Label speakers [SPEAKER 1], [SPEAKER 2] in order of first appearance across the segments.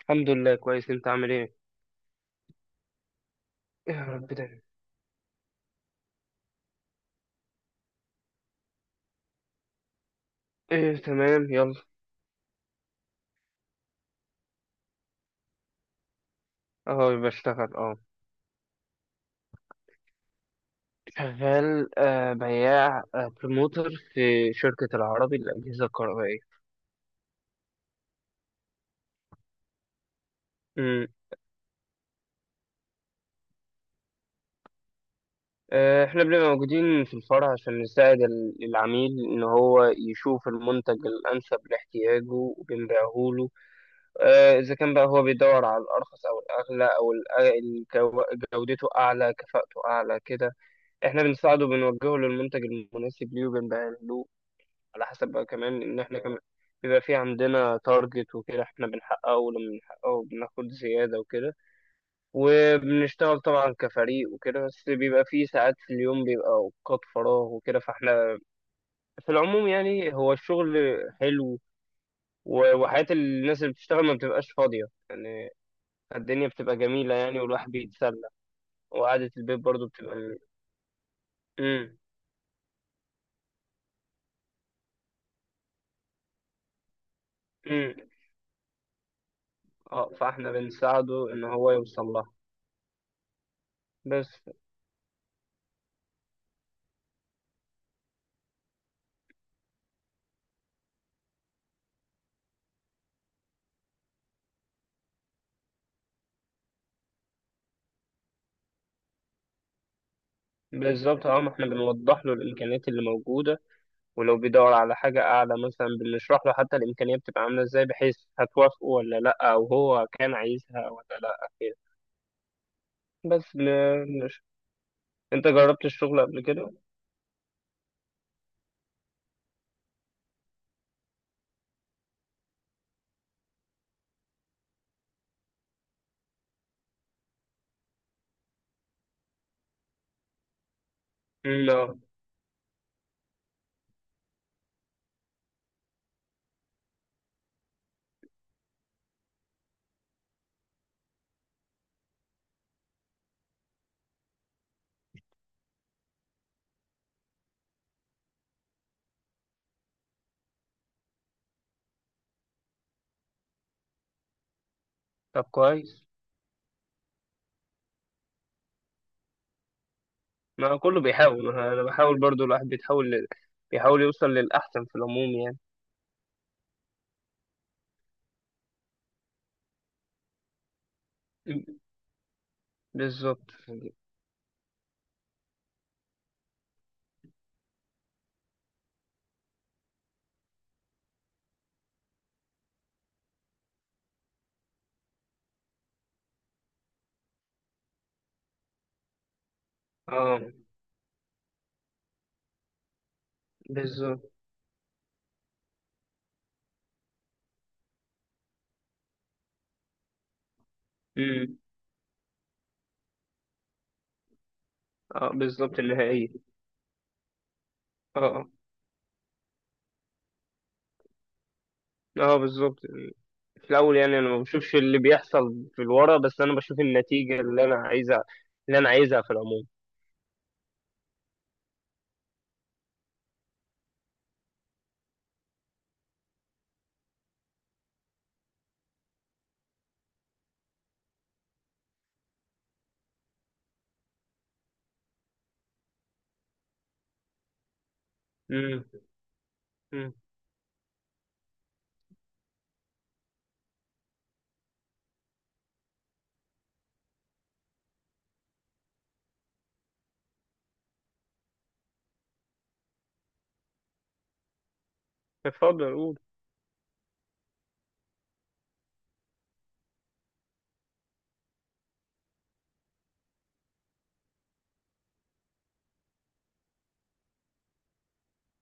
[SPEAKER 1] الحمد لله، كويس. انت عامل ايه؟ يا رب دايما. ايه، تمام، يلا. اهو بشتغل، اه. شغال، بياع، بروموتر في شركة العربي للأجهزة الكهربائية. امم. احنا بنبقى موجودين في الفرع عشان نساعد العميل ان هو يشوف المنتج الانسب لاحتياجه وبنبيعه له. اذا كان بقى هو بيدور على الارخص او الاغلى او جودته اعلى، كفاءته اعلى، كده. احنا بنساعده، بنوجهه للمنتج المناسب ليه وبنبيعه له، على حسب بقى، كمان ان احنا كمان بيبقى في عندنا تارجت وكده، احنا بنحققه، ولما بنحققه بناخد زيادة وكده. وبنشتغل طبعا كفريق وكده، بس بيبقى في ساعات في اليوم بيبقى اوقات فراغ وكده، فاحنا في العموم يعني هو الشغل حلو. و- وحياة الناس اللي بتشتغل ما بتبقاش فاضية يعني. الدنيا بتبقى جميلة يعني، والواحد بيتسلى. وقعدة البيت برضو بتبقى. امم. امم. اه، فاحنا بنساعده ان هو يوصل لها. بس. بالظبط. اه ما احنا بنوضح له الامكانيات اللي موجوده. ولو بيدور على حاجه اعلى مثلا بنشرح له حتى الامكانيه بتبقى عامله ازاي، بحيث هتوافقه ولا لا، او هو كان عايزها ولا لا، كده. بس انت جربت الشغل قبل كده؟ مم، اه. طب، كويس. ما كله بيحاول، ما انا بحاول برضو، الواحد بيحاول يوصل للاحسن في العموم يعني. مم. بالظبط. اه. بالظبط. مم. اه. بالظبط النهائيه. اه. آه. اه بالظبط. في الاول يعني انا ما بشوفش اللي بيحصل في الورا، بس انا بشوف النتيجة اللي انا عايزها، اللي انا عايزها في العموم. امم. امم. اتفضل قول.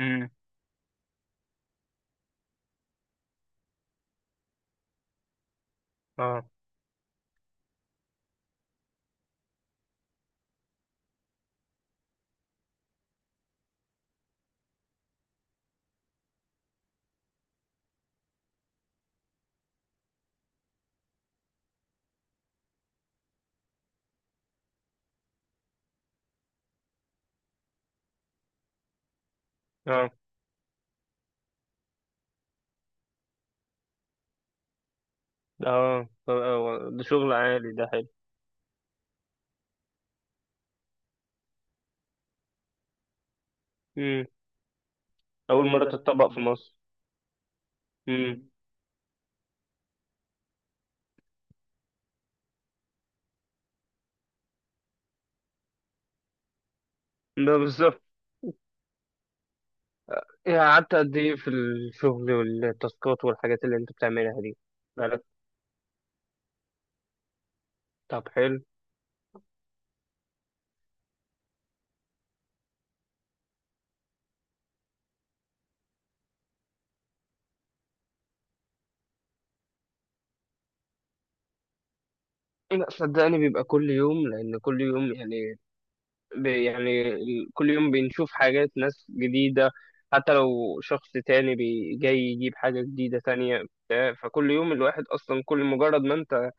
[SPEAKER 1] امم. اه. اه. اه، ده شغل عالي، ده حلو. امم. اول مرة تتطبق في مصر. امم. ده بالظبط. إيه، قعدت قد ايه في الشغل والتاسكات والحاجات اللي انت بتعملها دي؟ بقالك. طب، حلو. إيه، لا صدقني بيبقى كل يوم، لان كل يوم يعني كل يوم بنشوف حاجات ناس جديدة، حتى لو شخص تاني جاي يجيب حاجة جديدة تانية بتاع. فكل يوم الواحد أصلا كل مجرد ما أنت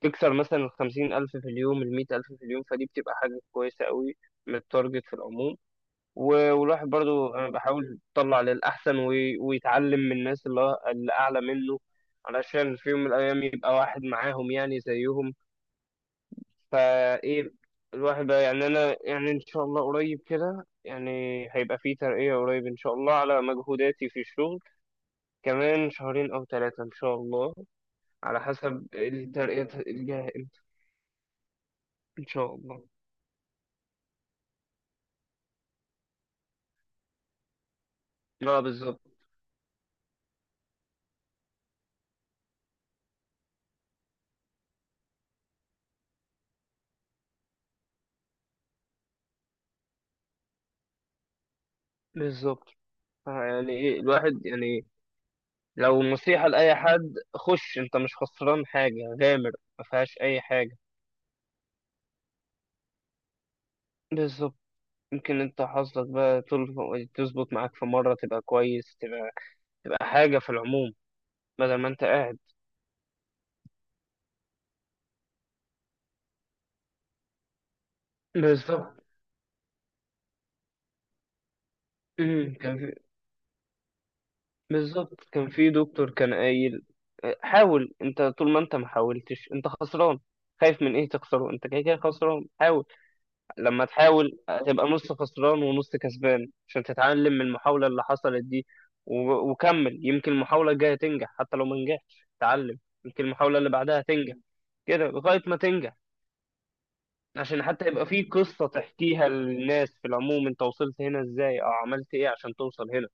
[SPEAKER 1] تكسر مثلا الـ50,000 في اليوم، الـ100,000 في اليوم، فدي بتبقى حاجة كويسة قوي للتارجت في العموم. و- والواحد برضو أنا بحاول يطلع للأحسن وي- ويتعلم من الناس اللي أعلى منه علشان في يوم من الأيام يبقى واحد معاهم يعني زيهم. فايه الواحد بقى يعني، انا يعني ان شاء الله قريب كده يعني هيبقى في ترقية قريب ان شاء الله على مجهوداتي في الشغل، كمان شهرين او ثلاثة ان شاء الله، على حسب الترقية الجاية امتى. ان شاء الله. اه، بالظبط. بالظبط. يعني ايه الواحد يعني، لو نصيحة لأي حد: خش، انت مش خسران حاجة، غامر، ما فيهاش اي حاجة. بالظبط. يمكن انت حظك بقى تظبط معاك في مرة، تبقى كويس، تبقى تبقى حاجة في العموم بدل ما انت قاعد. بالظبط. امم، كان في. بالظبط، كان في دكتور كان قايل: حاول، انت طول ما انت ما حاولتش انت خسران، خايف من ايه تخسره؟ انت كده كده خسران، حاول. لما تحاول هتبقى نص خسران ونص كسبان، عشان تتعلم من المحاولة اللي حصلت دي. و- وكمل، يمكن المحاولة الجاية تنجح، حتى لو ما نجحتش اتعلم، يمكن المحاولة اللي بعدها تنجح، كده لغاية ما تنجح. عشان حتى يبقى في قصة تحكيها للناس في العموم، انت وصلت هنا ازاي او عملت ايه عشان توصل هنا.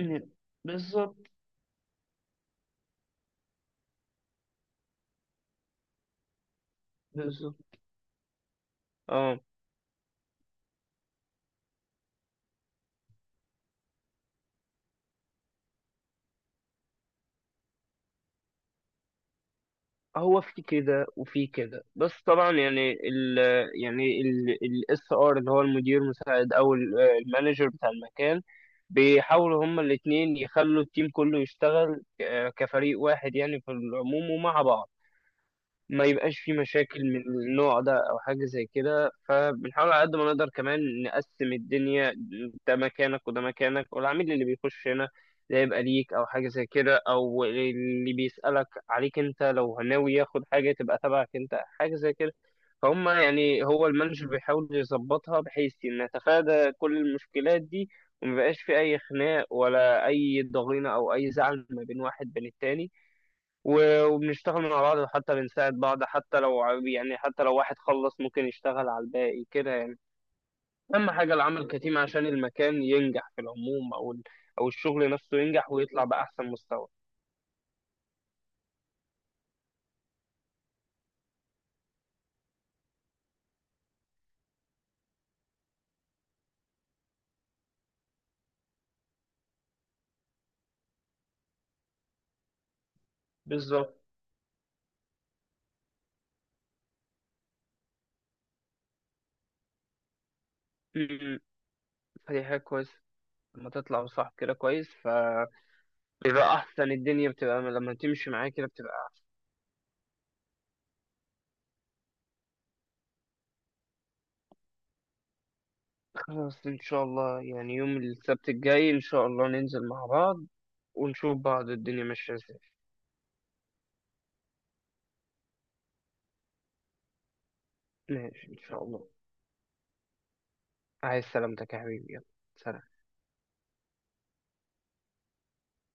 [SPEAKER 1] م- بالظبط. بالظبط. اه. هو في كده وفي كده، بس طبعا يعني يعني الاس ار اللي هو المدير المساعد او المانجر بتاع المكان، بيحاولوا هما الاثنين يخلوا التيم كله يشتغل كفريق واحد يعني في العموم، ومع بعض ما يبقاش في مشاكل من النوع ده او حاجه زي كده. فبنحاول على قد ما نقدر كمان نقسم الدنيا: ده مكانك وده مكانك، والعميل اللي بيخش هنا ده يبقى ليك او حاجه زي كده، او اللي بيسالك عليك انت لو ناوي ياخد حاجه تبقى تبعك انت حاجه زي كده. فهم يعني هو المانجر بيحاول يظبطها بحيث ان نتفادى كل المشكلات دي، ومبقاش في اي خناق ولا اي ضغينه او اي زعل ما بين واحد بين التاني. و- وبنشتغل مع بعض وحتى بنساعد بعض، حتى لو واحد خلص ممكن يشتغل على الباقي كده يعني. أهم حاجة العمل كتيم عشان المكان ينجح في العموم، أو الشغل نفسه ينجح ويطلع بأحسن مستوى. بالظبط. م- م. فدي حاجة كويسة، لما تطلع صح كده كويس، فبيبقى أحسن. الدنيا بتبقى لما تمشي معايا كده بتبقى. خلاص، إن شاء الله، يعني يوم السبت الجاي إن شاء الله ننزل مع بعض ونشوف بعض الدنيا ماشية إزاي. ماشي إن شاء الله. عايز سلامتك يا حبيبي، يلا. سلام.